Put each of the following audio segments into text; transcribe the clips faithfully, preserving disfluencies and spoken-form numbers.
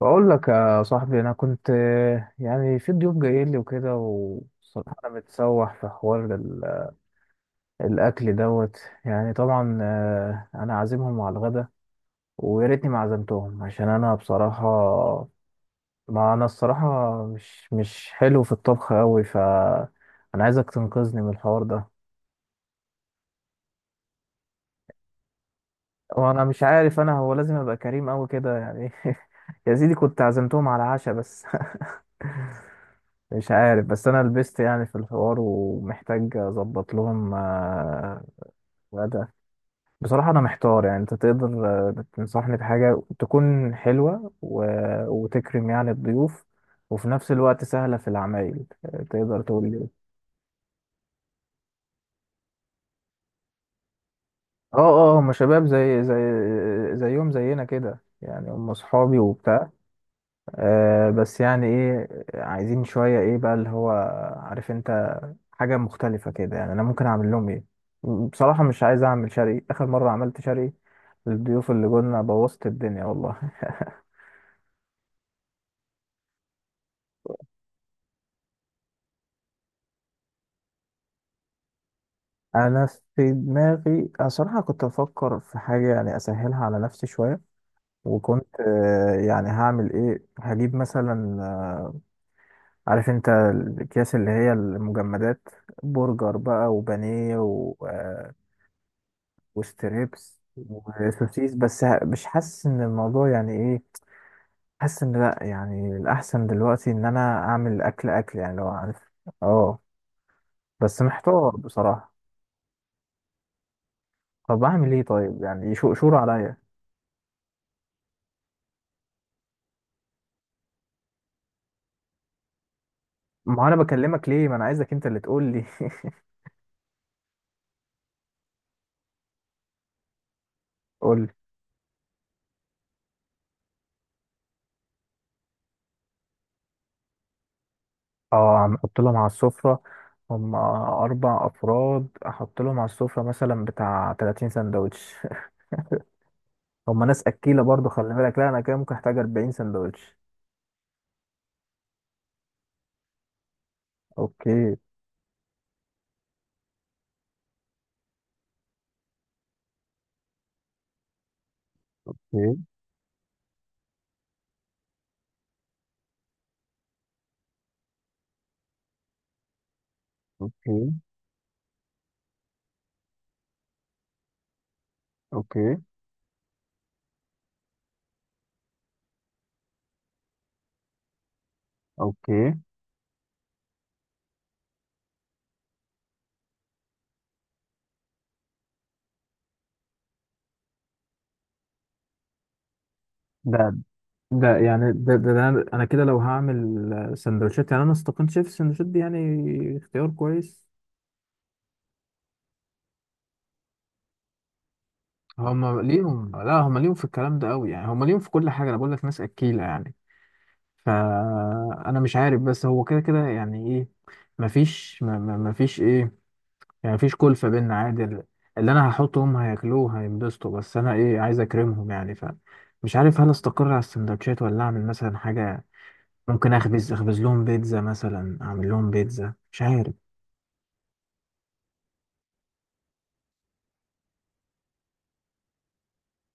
بقول لك يا صاحبي، انا كنت آه، يعني في ضيوف جايين لي وكده، والصراحه انا متسوح في حوار ال- الاكل دوت. يعني طبعا آه، انا عازمهم على الغدا، ويا ريتني ما عزمتهم، عشان انا بصراحه، ما انا الصراحه مش مش حلو في الطبخ قوي. ف انا عايزك تنقذني من الحوار ده، وانا مش عارف، انا هو لازم ابقى كريم قوي كده يعني. يا سيدي كنت عزمتهم على عشاء بس، مش عارف، بس انا لبست يعني في الحوار، ومحتاج اظبط لهم آه، غدا. بصراحة انا محتار، يعني انت تقدر آه، تنصحني بحاجة تكون حلوة و... وتكرم يعني الضيوف، وفي نفس الوقت سهلة في العمايل؟ آه، تقدر تقول لي إيه؟ اه. اه، هم شباب زي زي زيهم زينا كده يعني، هم صحابي وبتاع. آه بس يعني ايه، عايزين شوية ايه بقى اللي هو، عارف انت، حاجة مختلفة كده. يعني أنا ممكن أعمل لهم إيه؟ بصراحة مش عايز أعمل شري، آخر مرة عملت شري للضيوف اللي جولنا بوظت الدنيا والله. أنا في دماغي، أنا صراحة كنت بفكر في حاجة يعني أسهلها على نفسي شوية. وكنت آه، يعني هعمل إيه، هجيب مثلا آه، عارف أنت الأكياس اللي هي المجمدات، برجر بقى وبانيه و... آه، وستريبس وسوسيس. بس ه- مش حاسس إن الموضوع يعني إيه. حاسس ان لا، يعني الاحسن دلوقتي ان انا اعمل اكل اكل يعني، لو عارف. اه، بس محتار بصراحه. طب اعمل ايه طيب؟ يعني شو شور عليا. ما انا بكلمك ليه، ما انا عايزك انت اللي تقول لي. قول لي. اه عم احط لهم على السفره، هم اربع افراد، احط لهم على السفره مثلا بتاع تلاتين سندوتش. هم ناس اكيله برضو خلي بالك، لا انا كده ممكن احتاج أربعين سندوتش. اوكي. اوكي. اوكي. اوكي. اوكي. ده ده يعني ده, ده, ده انا أنا كده لو هعمل سندوتشات يعني، انا استقلت شايف السندوتشات دي يعني اختيار كويس. هما ليهم، لا هما ليهم في الكلام ده قوي يعني، هما ليهم في كل حاجه، انا بقول لك ناس اكيله يعني. فانا مش عارف، بس هو كده كده يعني ايه، مفيش ما- ما- مفيش ايه، يعني مفيش كلفه بينا عادي. اللي انا هحطه هم هياكلوه هينبسطوا، بس انا ايه، عايز اكرمهم يعني، فمش عارف هل استقر على السندوتشات ولا اعمل مثلا حاجه؟ ممكن اخبز اخبز لهم بيتزا مثلا، اعمل لهم بيتزا، مش عارف.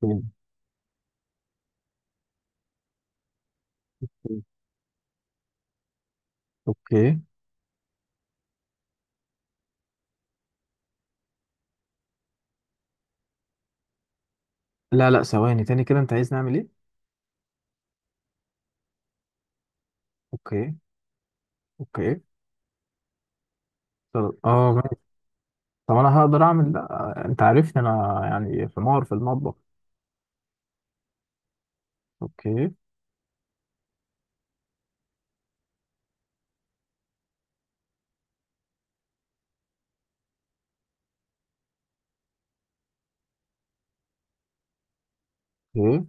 مم. اوكي. لا لا، ثواني تاني كده، انت عايز نعمل ايه؟ اوكي. اوكي. طب اه ماشي. طب انا هقدر اعمل ده؟ انت عارفني انا يعني في مار في المطبخ. اوكي. اوكي.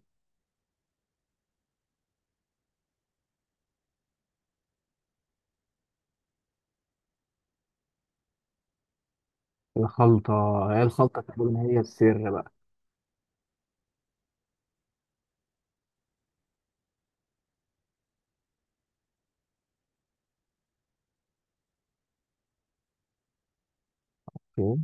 الخلطة، هي الخلطة تقول ان هي السر بقى. اوكي.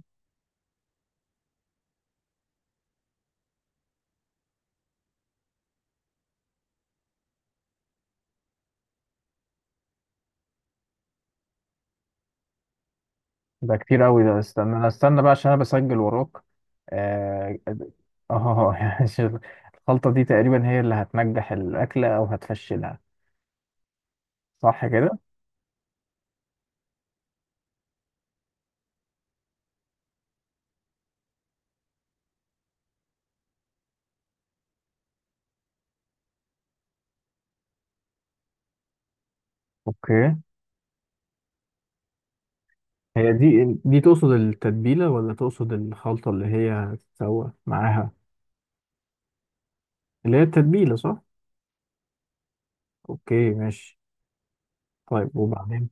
ده كتير قوي ده، استنى، انا استنى بقى عشان انا بسجل وراك. اه. اه. يعني شوف، الخلطة دي تقريبا هي اللي هتنجح الاكلة او هتفشلها، صح كده؟ اوكي. هي دي دي تقصد التتبيلة ولا تقصد الخلطة اللي هي هتتسوى معاها؟ اللي هي التتبيلة صح؟ اوكي ماشي. طيب وبعدين؟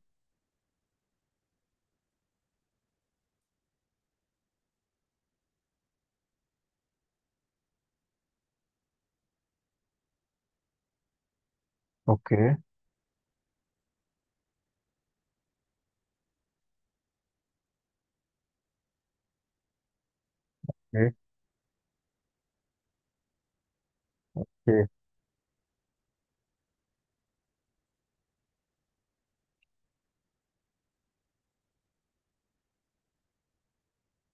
اوكي. اوكي. اوكي.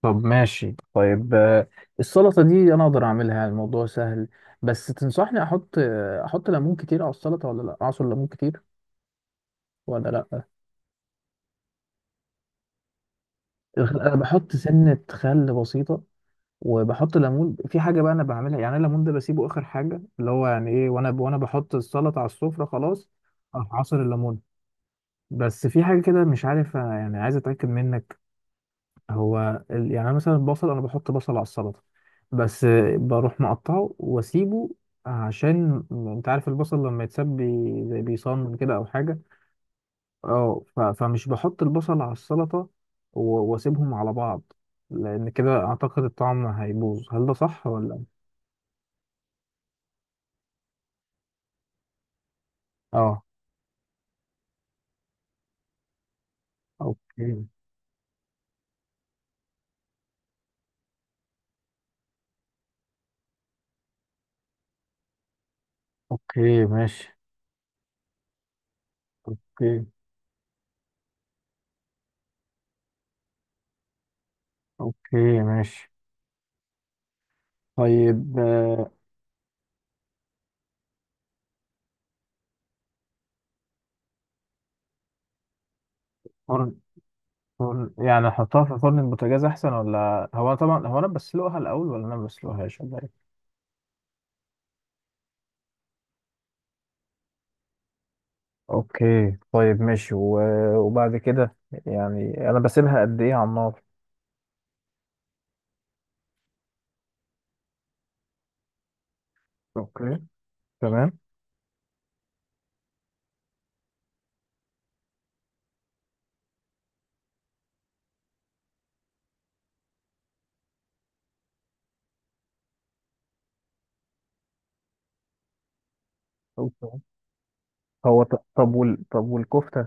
طب ماشي. طيب آه، السلطة دي انا اقدر اعملها يعني الموضوع سهل، بس تنصحني احط آه، احط ليمون كتير على السلطة، ولا لا اعصر ليمون كتير ولا لا؟ الخ- انا بحط سنة خل بسيطة، وبحط ليمون في حاجه بقى انا بعملها يعني. الليمون ده بسيبه اخر حاجه، اللي هو يعني ايه، وانا وانا بحط السلطه على السفره خلاص أروح عصر الليمون. بس في حاجه كده مش عارف، آه، يعني عايز اتاكد منك. هو ال- يعني أنا مثلا البصل، انا بحط بصل على السلطه، بس آه، بروح مقطعه واسيبه، عشان انت عارف البصل لما يتساب بي- زي بيصان كده او حاجه. اه، ف- فمش بحط البصل على السلطه، و- واسيبهم على بعض، لان كده اعتقد الطعم هيبوظ، هل ده صح ولا؟ اه. اوكي. اوكي ماشي. اوكي. اوكي ماشي. طيب آه، فرن، فرن يعني احطها في فرن البوتاجاز احسن، ولا هو، أنا طبعا هو انا بسلقها الاول، ولا انا ما بسلقهاش، ولا ايه؟ اوكي طيب ماشي. و- وبعد كده يعني انا بسيبها قد ايه على النار؟ اوكي. تمام. اوكي. هو ط- طب وال... طب والكفتة؟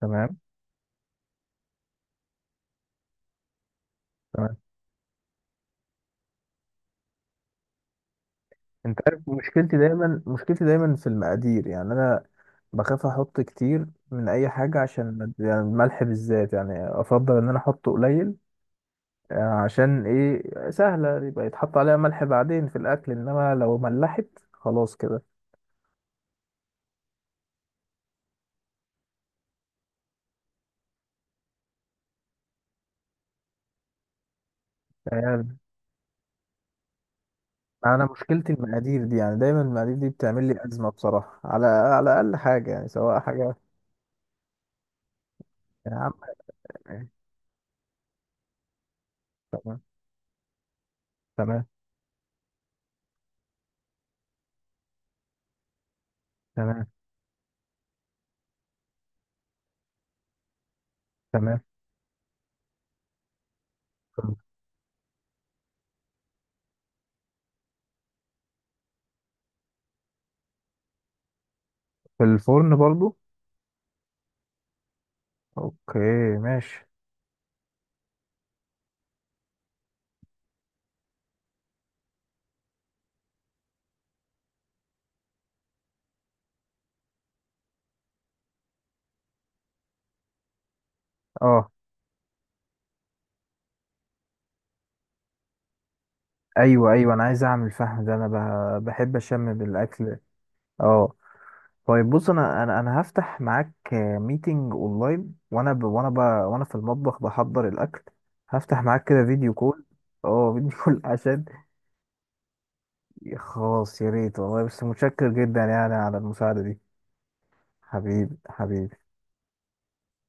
تمام. انت عارف مشكلتي دايما، مشكلتي دايما في المقادير يعني، انا بخاف احط كتير من اي حاجه، عشان يعني الملح بالذات يعني افضل ان انا احطه قليل. آه، عشان ايه، سهله يبقى يتحط عليها ملح بعدين في الاكل، انما لو ملحت خلاص كده. يعني انا مشكلتي المقادير دي يعني، دايما المقادير دي بتعمل لي ازمه بصراحه، على على اقل حاجه يعني، سواء حاجه. يا عم يعني. تمام. تمام. تمام. تمام. في الفرن برضو؟ اوكي ماشي. اه. ايوه ايوه، انا عايز اعمل فحم ده، انا ب- بحب اشم بالاكل. اه. طيب بص، انا انا انا هفتح معاك ميتنج اونلاين، وانا ب... وانا ب... وانا في المطبخ بحضر الاكل. هفتح معاك كده فيديو كول. اه فيديو كول. عشان، خلاص يا ريت والله، بس متشكر جدا يعني على المساعدة دي. حبيبي حبيبي.